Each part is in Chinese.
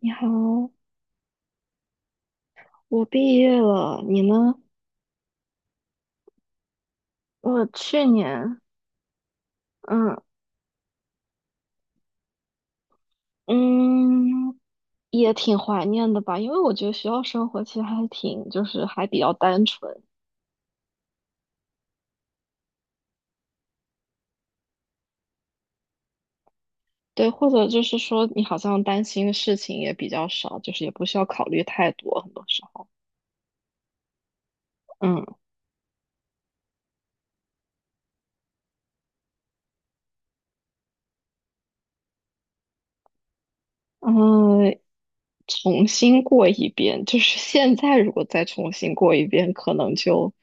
你好。我毕业了，你呢？我去年。嗯嗯，也挺怀念的吧，因为我觉得学校生活其实还挺，就是还比较单纯。对，或者就是说你好像担心的事情也比较少，就是也不需要考虑太多，很多时候。嗯嗯，重新过一遍，就是现在如果再重新过一遍，可能就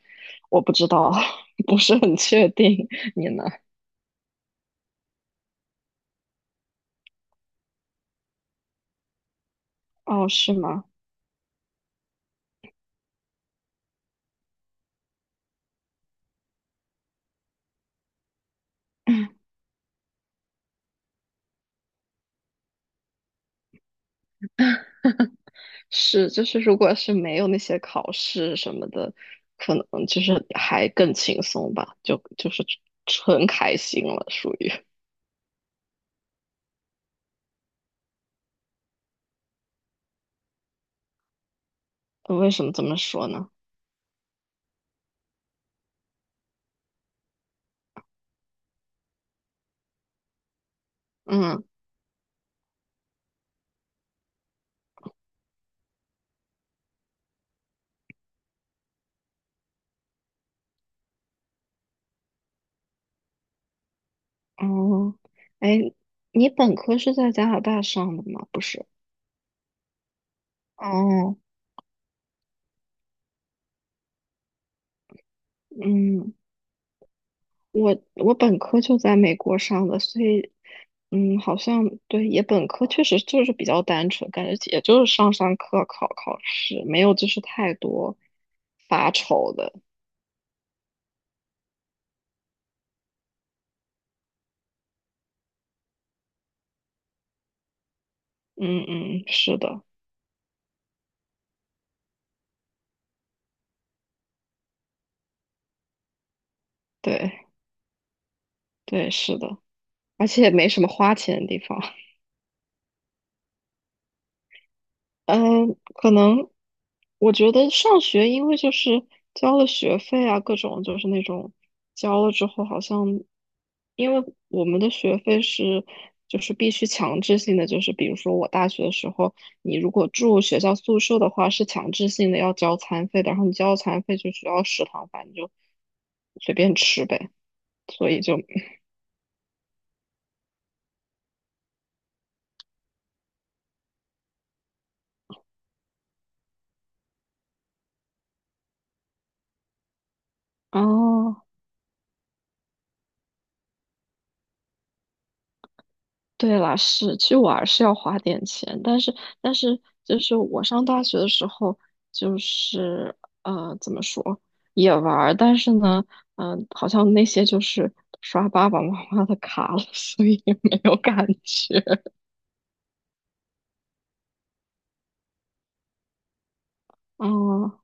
我不知道。不是很确定，你呢？哦，是吗？是，就是如果是没有那些考试什么的，可能就是还更轻松吧，就是纯开心了，属于。为什么这么说呢？嗯。哦，哎，你本科是在加拿大上的吗？不是。哦。嗯，我本科就在美国上的，所以，嗯，好像对，也本科确实就是比较单纯，感觉也就是上上课、考考试，没有就是太多发愁的。嗯嗯，是的。对对是的，而且也没什么花钱的地方。嗯，可能我觉得上学，因为就是交了学费啊，各种就是那种交了之后，好像因为我们的学费是就是必须强制性的，就是比如说我大学的时候，你如果住学校宿舍的话，是强制性的要交餐费的，然后你交了餐费就只要食堂饭，你就随便吃呗。所以就哦。对啦，是，其实玩儿是要花点钱，但是就是我上大学的时候，就是怎么说也玩儿，但是呢，嗯、好像那些就是刷爸爸妈妈的卡了，所以也没有感觉。哦，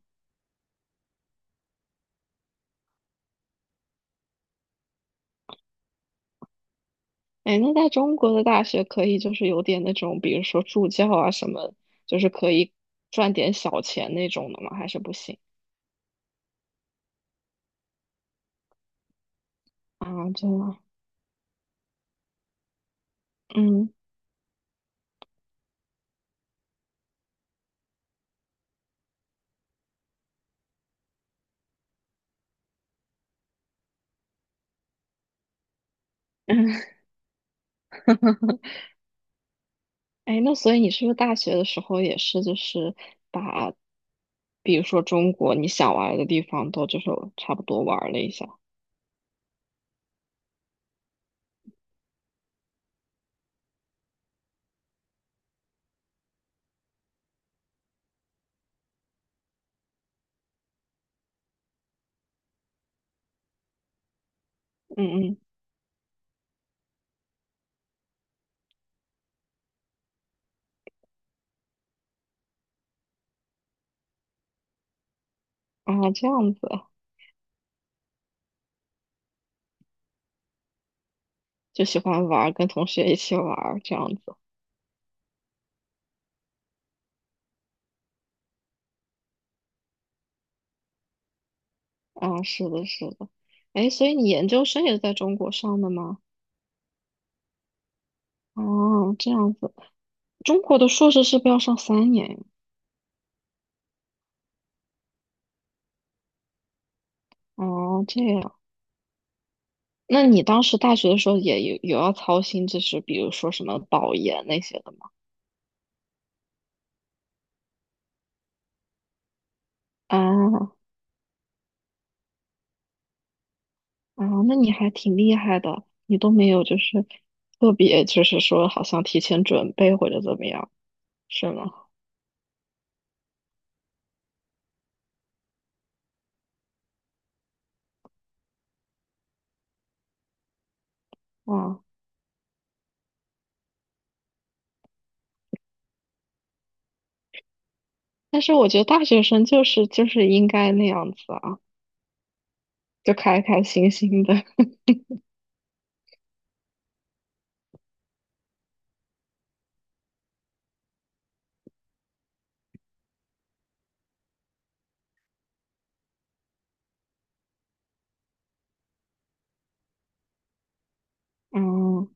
哎，那在中国的大学可以就是有点那种，比如说助教啊什么，就是可以赚点小钱那种的吗？还是不行啊？这嗯嗯。哎，那所以你是不是大学的时候也是，就是把，比如说中国你想玩的地方都就是差不多玩了一下？嗯嗯，啊，这样子就喜欢玩跟同学一起玩儿这样子。啊，是的，是的。哎，所以你研究生也是在中国上的吗？哦，这样子。中国的硕士是不是要上3年呀？哦，这样。那你当时大学的时候也有要操心，就是比如说什么保研那些的吗？啊。啊，那你还挺厉害的，你都没有就是特别就是说好像提前准备或者怎么样，是吗？啊，但是我觉得大学生就是就是应该那样子啊，就开开心心的。嗯。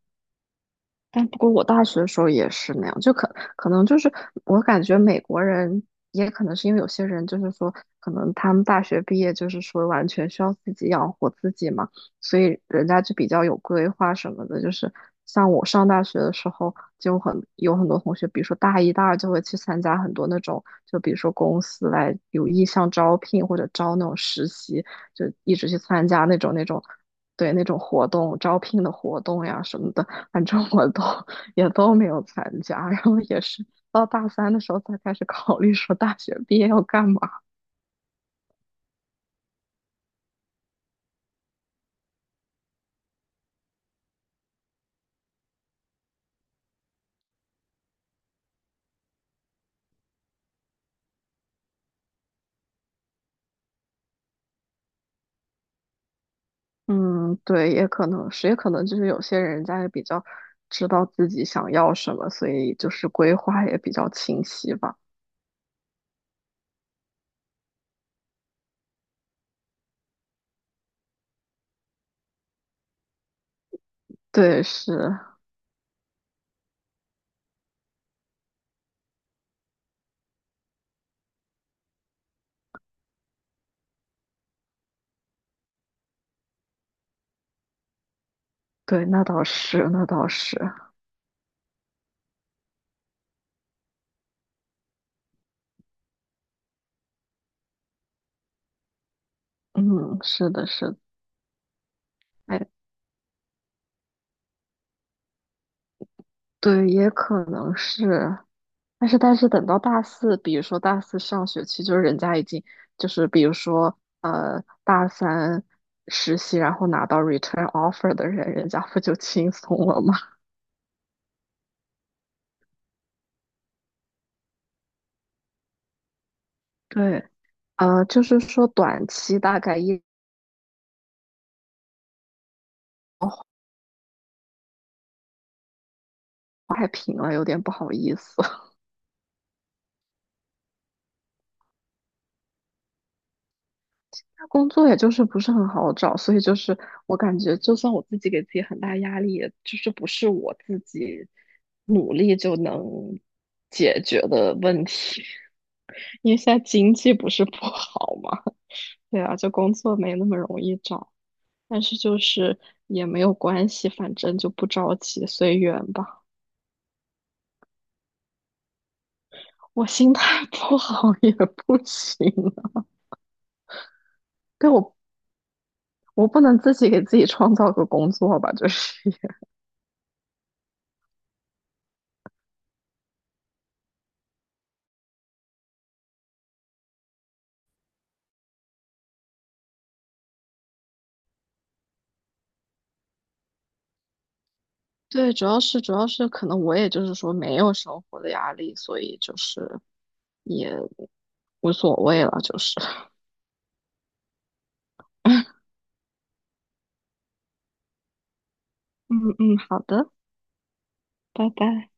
但不过我大学的时候也是那样，就可能就是我感觉美国人也可能是因为有些人就是说，可能他们大学毕业就是说完全需要自己养活自己嘛，所以人家就比较有规划什么的。就是像我上大学的时候，就很有很多同学，比如说大一、大二就会去参加很多那种，就比如说公司来有意向招聘或者招那种实习，就一直去参加那种那种。对那种活动招聘的活动呀什么的。反正我都也都没有参加，然后也是到大三的时候才开始考虑说大学毕业要干嘛。嗯。对，也可能是，也可能就是有些人家也比较知道自己想要什么，所以就是规划也比较清晰吧。对，是。对，那倒是，那倒是。嗯，是的，是的。哎，对，也可能是。但是等到大四，比如说大四上学期，就是人家已经就是比如说大三实习，然后拿到 return offer 的人，人家不就轻松了吗？对，就是说短期大概一太平了，有点不好意思。工作也就是不是很好找，所以就是我感觉，就算我自己给自己很大压力，也就是不是我自己努力就能解决的问题。因为现在经济不是不好嘛。对啊，就工作没那么容易找，但是就是也没有关系，反正就不着急，随缘吧。我心态 不好也不行啊。对我不能自己给自己创造个工作吧，就是。对，主要是可能我也就是说没有生活的压力，所以就是也无所谓了，就是 嗯嗯，好的。拜拜。